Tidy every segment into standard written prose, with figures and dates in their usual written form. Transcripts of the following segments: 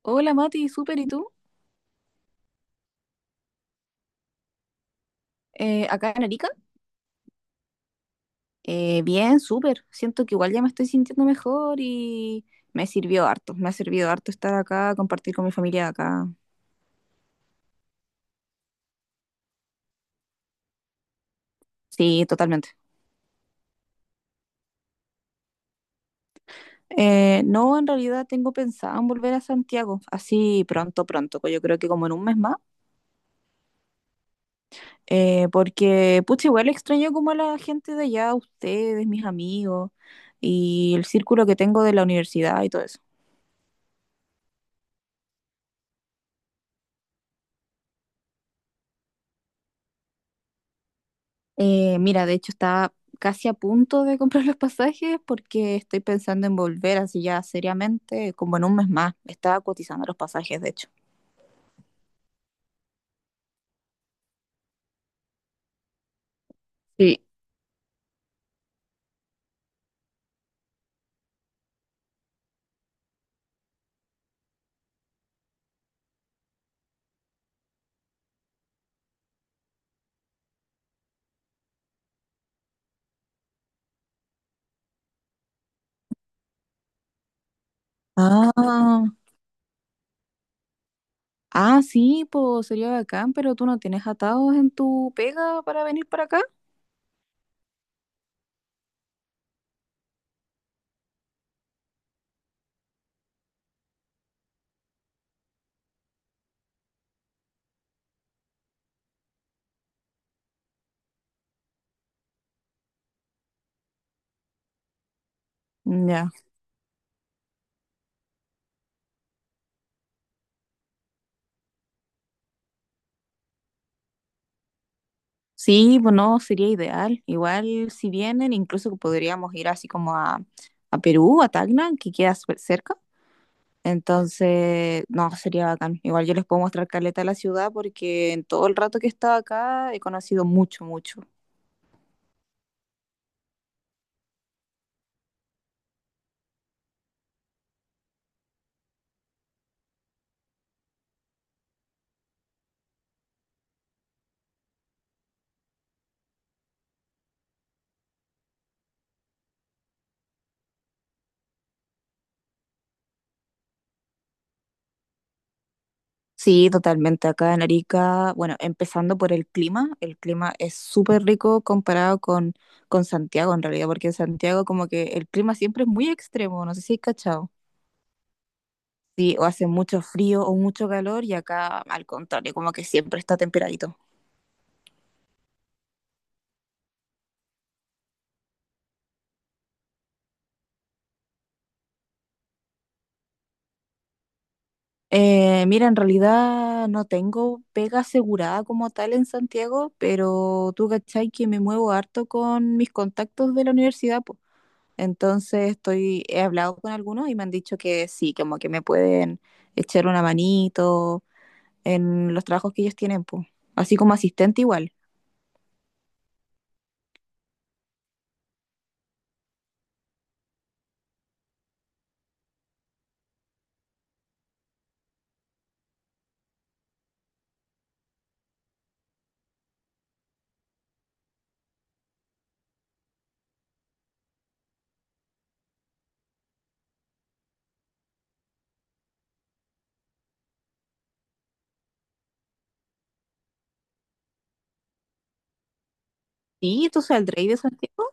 Hola Mati, súper, ¿y tú? Acá en Arica. Bien, súper. Siento que igual ya me estoy sintiendo mejor y me sirvió harto. Me ha servido harto estar acá, compartir con mi familia acá. Sí, totalmente. No, en realidad tengo pensado en volver a Santiago, así pronto, pronto, yo creo que como en un mes más. Porque pucha, igual extraño como a la gente de allá, ustedes, mis amigos y el círculo que tengo de la universidad y todo eso. Mira, de hecho estaba casi a punto de comprar los pasajes porque estoy pensando en volver así ya seriamente, como en un mes más. Estaba cotizando los pasajes, de hecho. Sí. Ah, ah, sí, pues sería bacán, pero tú no tienes atados en tu pega para venir para acá. Ya. Sí, pues no, sería ideal. Igual si vienen, incluso podríamos ir así como a Perú, a Tacna, que queda súper cerca. Entonces, no, sería bacán. Igual yo les puedo mostrar caleta de la ciudad porque en todo el rato que he estado acá he conocido mucho, mucho. Sí, totalmente. Acá en Arica, bueno, empezando por el clima es súper rico comparado con Santiago en realidad, porque en Santiago como que el clima siempre es muy extremo, no sé si hay cachado. Sí, o hace mucho frío o mucho calor y acá al contrario, como que siempre está temperadito. Mira, en realidad no tengo pega asegurada como tal en Santiago, pero tú cachai que me muevo harto con mis contactos de la universidad, po. Entonces estoy, he hablado con algunos y me han dicho que sí, como que me pueden echar una manito en los trabajos que ellos tienen, pues. Así como asistente igual. ¿Y tú saldréis de Santiago?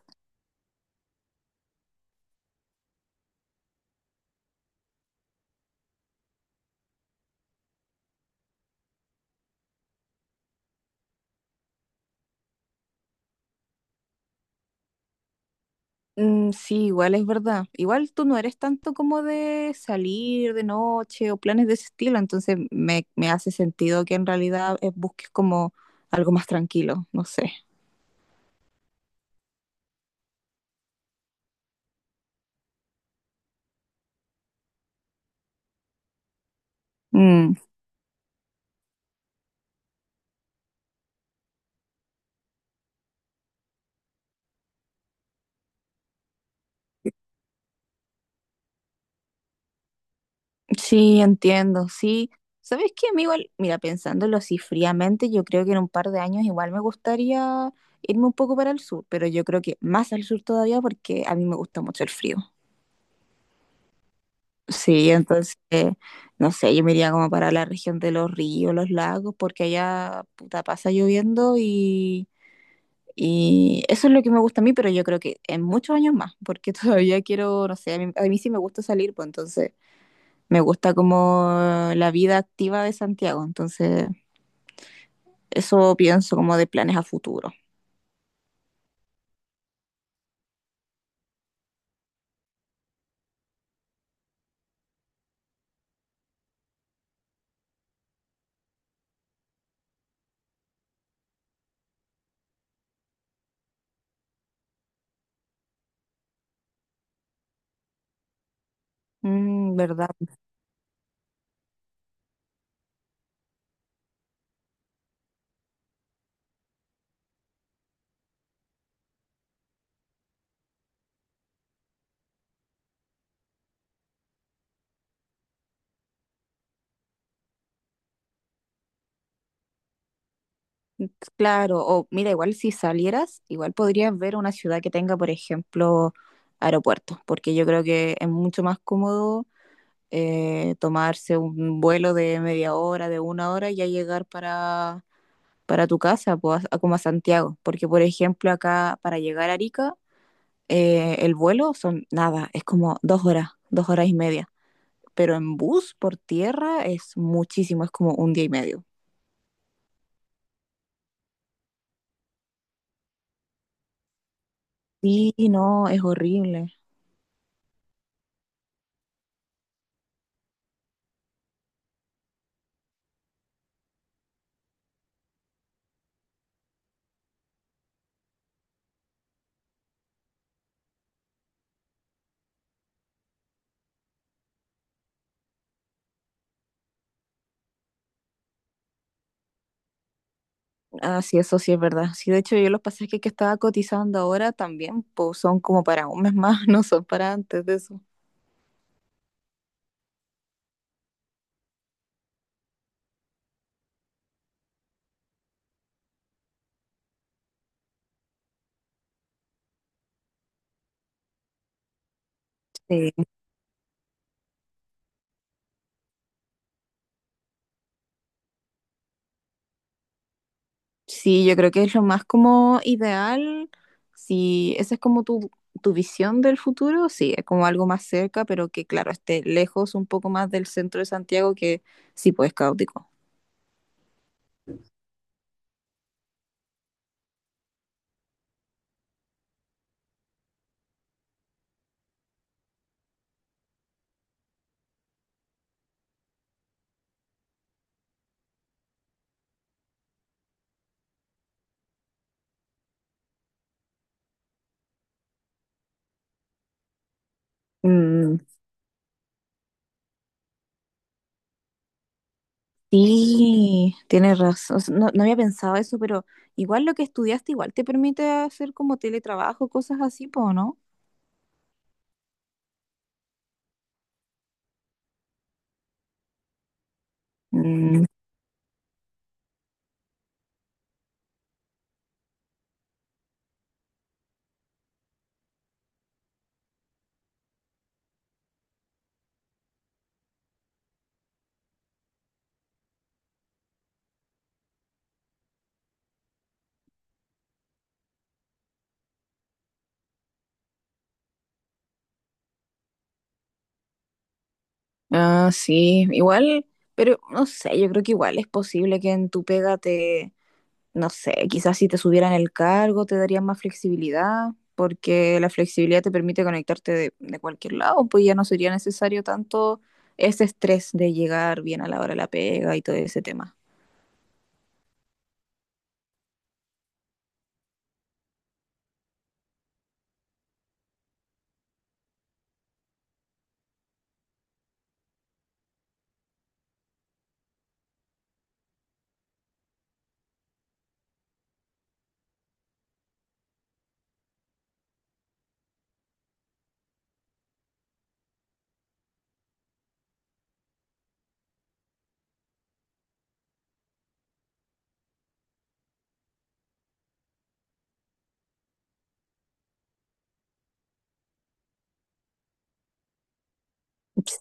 Mm, sí, igual es verdad. Igual tú no eres tanto como de salir de noche o planes de ese estilo, entonces me hace sentido que en realidad busques como algo más tranquilo, no sé. Mm, sí, entiendo, sí. ¿Sabes qué, amigo? Mira, pensándolo así fríamente, yo creo que en un par de años igual me gustaría irme un poco para el sur, pero yo creo que más al sur todavía porque a mí me gusta mucho el frío. Sí, entonces, no sé, yo me iría como para la región de los ríos, los lagos, porque allá puta pasa lloviendo y eso es lo que me gusta a mí, pero yo creo que en muchos años más, porque todavía quiero, no sé, a mí sí me gusta salir, pues entonces me gusta como la vida activa de Santiago, entonces eso pienso como de planes a futuro. Mm, ¿verdad? Claro, o mira, igual si salieras, igual podrías ver una ciudad que tenga, por ejemplo, aeropuertos, porque yo creo que es mucho más cómodo tomarse un vuelo de media hora, de una hora y ya llegar para, tu casa, pues, como a Santiago, porque por ejemplo acá para llegar a Arica, el vuelo son nada, es como 2 horas, 2 horas y media, pero en bus por tierra es muchísimo, es como un día y medio. Sí, no, es horrible. Ah, sí, eso sí es verdad. Sí, de hecho, yo los pasajes que estaba cotizando ahora también, pues son como para un mes más, no son para antes de eso. Sí. Sí, yo creo que es lo más como ideal. Si esa es como tu, visión del futuro, sí, es como algo más cerca, pero que claro, esté lejos un poco más del centro de Santiago, que sí, pues es caótico. Mm, sí, tienes razón. O sea, no, no había pensado eso, pero igual lo que estudiaste igual te permite hacer como teletrabajo, cosas así, pues, ¿no? Mm. Ah, sí, igual, pero no sé, yo creo que igual es posible que en tu pega te, no sé, quizás si te subieran el cargo te darían más flexibilidad, porque la flexibilidad te permite conectarte de cualquier lado, pues ya no sería necesario tanto ese estrés de llegar bien a la hora de la pega y todo ese tema.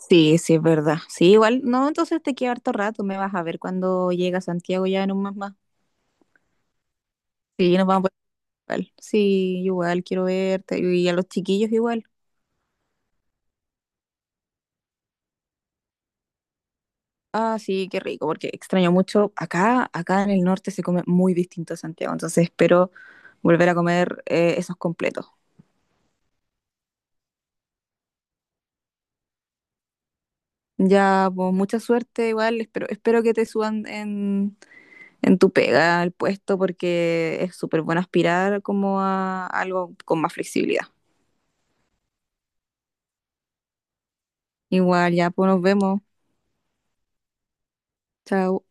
Sí, sí, es verdad. Sí, igual, no, entonces te queda harto rato, me vas a ver cuando llega a Santiago ya en un mes más. Sí, nos vamos a ver igual. Sí, igual quiero verte y a los chiquillos igual. Ah, sí, qué rico, porque extraño mucho. Acá, acá en el norte se come muy distinto a Santiago, entonces espero volver a comer esos completos. Ya, pues mucha suerte, igual, espero, espero que te suban en tu pega al puesto, porque es súper bueno aspirar como a algo con más flexibilidad. Igual, ya, pues nos vemos. Chao.